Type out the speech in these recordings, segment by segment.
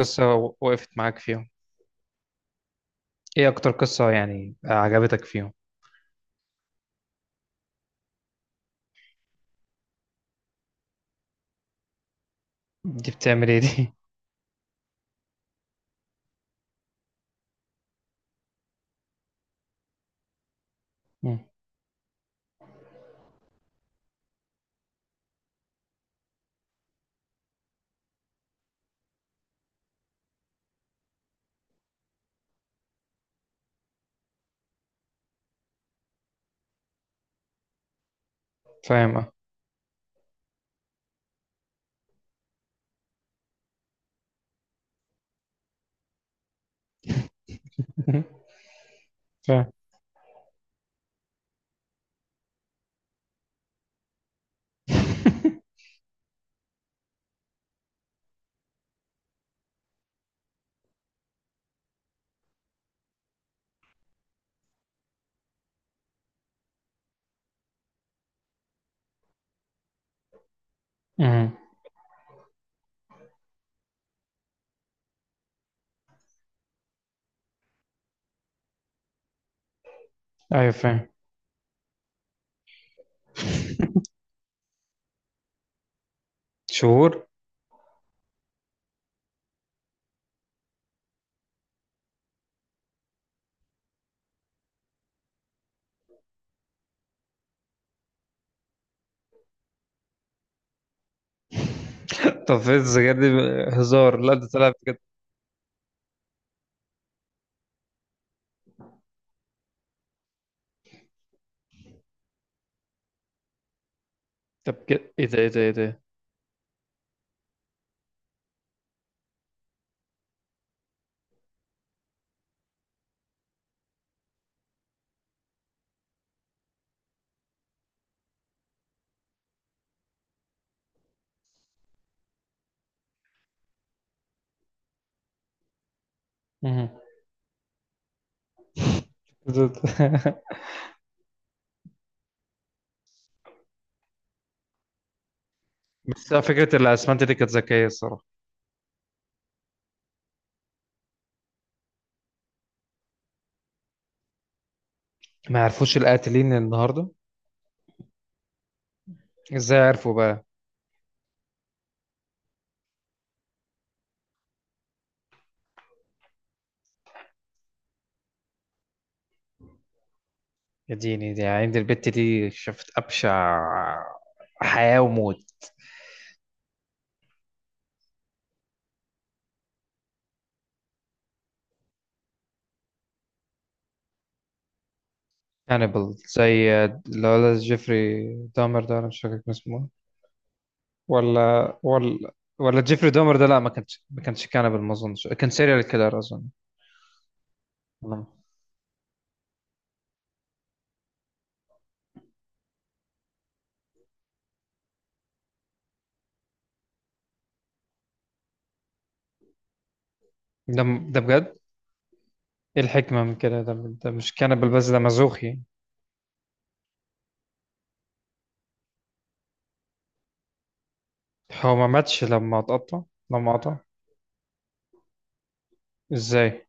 قصة وقفت معاك فيهم؟ ايه اكتر قصة يعني عجبتك فيهم؟ دي بتعمل ايه دي؟ مم. فاهم، اه. فاهم. مم. ايوه، فاهم. شهور؟ طب فين السجاير دي؟ هزار؟ لا، ده طلع بجد. طب كده، ايه ده، ايه ده، ايه ده؟ مم. بس على فكرة الأسمنت دي كانت ذكية الصراحة. ما يعرفوش القاتلين النهاردة. ازاي عرفوا بقى؟ يا ديني، دي عند البت دي شافت أبشع حياة وموت. هانيبال زي اللي هو جيفري دامر ده، انا مش فاكر كان اسمه إيه. ولا ولا ولا جيفري دامر ده، لا، ما كانش كانبل، ما اظنش كان سيريال كيلر، اظن. آه. ده ده بجد؟ ايه الحكمة من كده ده؟ ده مش كانبل بس، ده مزوخي. هو ما ماتش لما اتقطع؟ لما قطع ازاي؟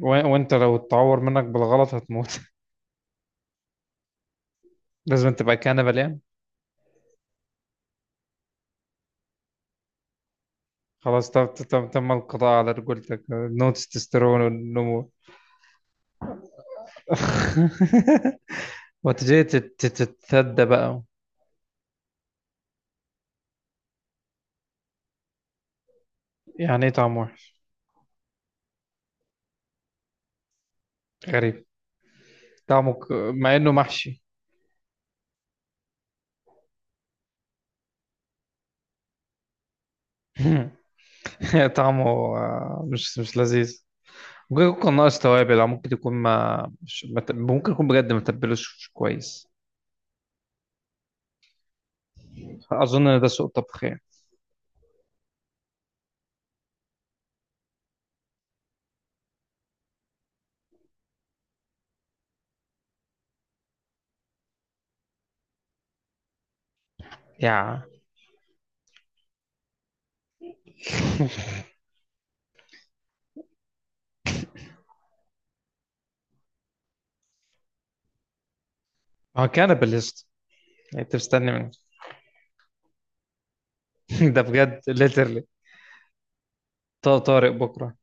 وانت لو اتعور منك بالغلط هتموت. لازم تبقى كانبل يعني. خلاص، تم القضاء على رجولتك، نو تستوستيرون والنمو. وتجي تتثدى بقى. يعني ايه طعم وحش؟ غريب. طعمه مع انه محشي. طعمه آه، مش لذيذ. ممكن يكون ناقص توابل، او ممكن يكون ما مش ما ت- ممكن يكون بجد ما تبلوش كويس. اظن ان ده سوء طبخ يعني. يا هو كان بالليست. يعني انت مستني منه. ده بجد ليترلي. طارق بكره.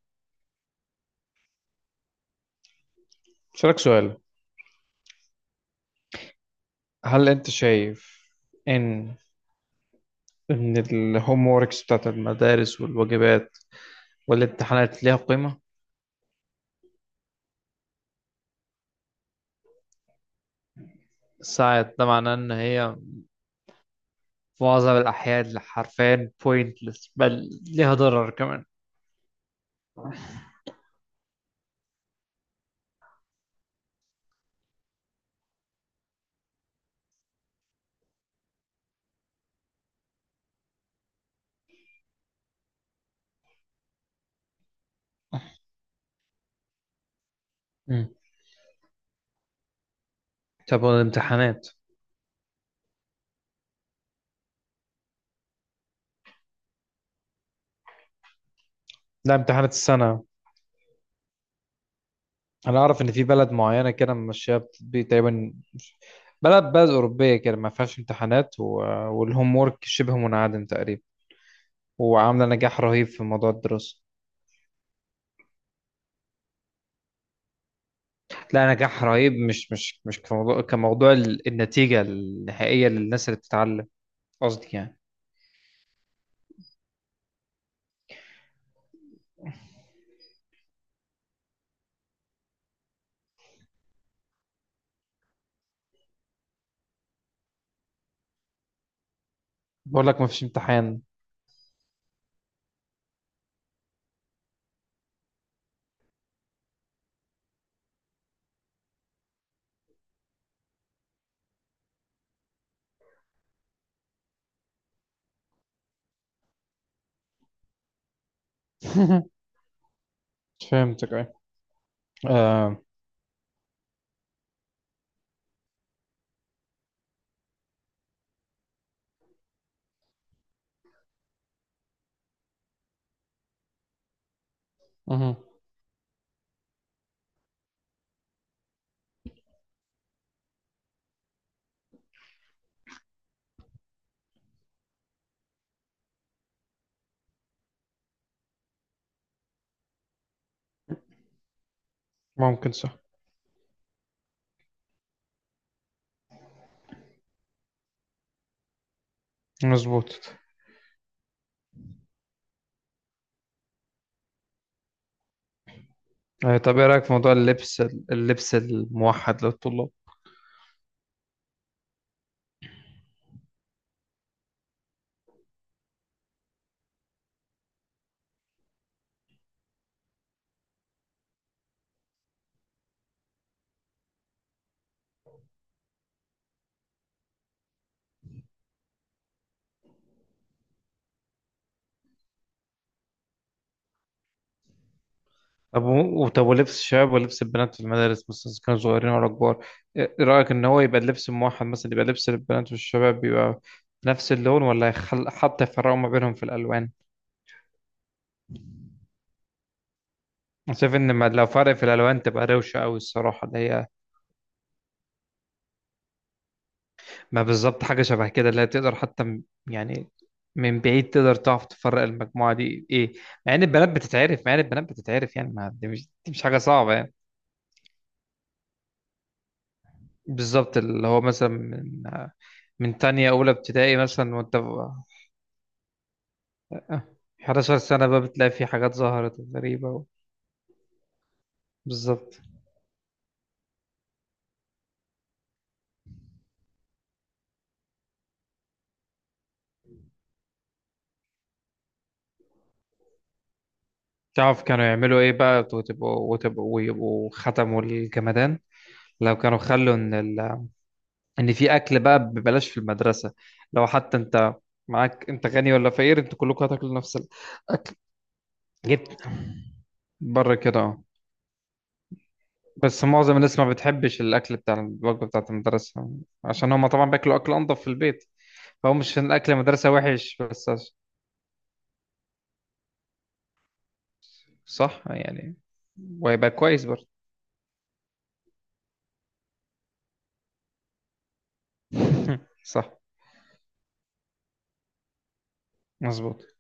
شارك سؤال. هل انت شايف ان ان الهوم ووركس بتاعت المدارس والواجبات والامتحانات ليها قيمة؟ ساعات، ده معناه ان هي في معظم الاحيان حرفيا بوينتلس، بل ليها ضرر كمان. مم. طب والامتحانات؟ لا، امتحانات السنة. انا اعرف ان في بلد معينة كده ماشية بتطبيق تقريبا، بلد اوروبية كده، ما فيهاش امتحانات، و... والهوم وورك شبه منعدم تقريبا، وعاملة نجاح رهيب في موضوع الدراسة. لا، نجاح رهيب، مش كموضوع النتيجة النهائية للناس اللي بتتعلم. قصدي يعني. بقول لك ما فيش امتحان. فهمتك، ايه. آه. مهم. ممكن، صح. مظبوط. آه. طب ايه رأيك في موضوع اللبس، اللبس الموحد للطلاب؟ طب ولبس الشباب ولبس البنات في المدارس مثلا، إذا كانوا صغيرين ولا كبار، إيه رأيك ان هو يبقى اللبس الموحد مثلا، يبقى لبس البنات والشباب يبقى نفس اللون، ولا حتى يفرقوا ما بينهم في الألوان؟ أنا شايف ان لو فرق في الالوان تبقى روشه قوي الصراحه، اللي هي ما بالظبط، حاجه شبه كده، اللي هي تقدر حتى يعني من بعيد تقدر تعرف تفرق المجموعه دي ايه. مع ان البنات بتتعرف، يعني ما دي، مش حاجه صعبه يعني. بالظبط، اللي هو مثلا من تانية اولى ابتدائي مثلا، وانت 11 سنه بقى بتلاقي في حاجات ظهرت غريبه. بالظبط. تعرف كانوا يعملوا ايه بقى؟ وتبقوا وتبقوا ويبقوا ختموا الجمدان. لو كانوا خلوا ان ان في اكل بقى ببلاش في المدرسه، لو حتى انت معاك، انت غني ولا فقير، انتوا كلكم هتاكلوا نفس الاكل. جبت. بره كده، اه. بس معظم الناس ما بتحبش الاكل بتاع الوجبه بتاعت المدرسه، عشان هما طبعا بياكلوا اكل انضف في البيت. فهو مش عشان الاكل المدرسه وحش بس، صح يعني. وهيبقى كويس برضه. صح. مظبوط.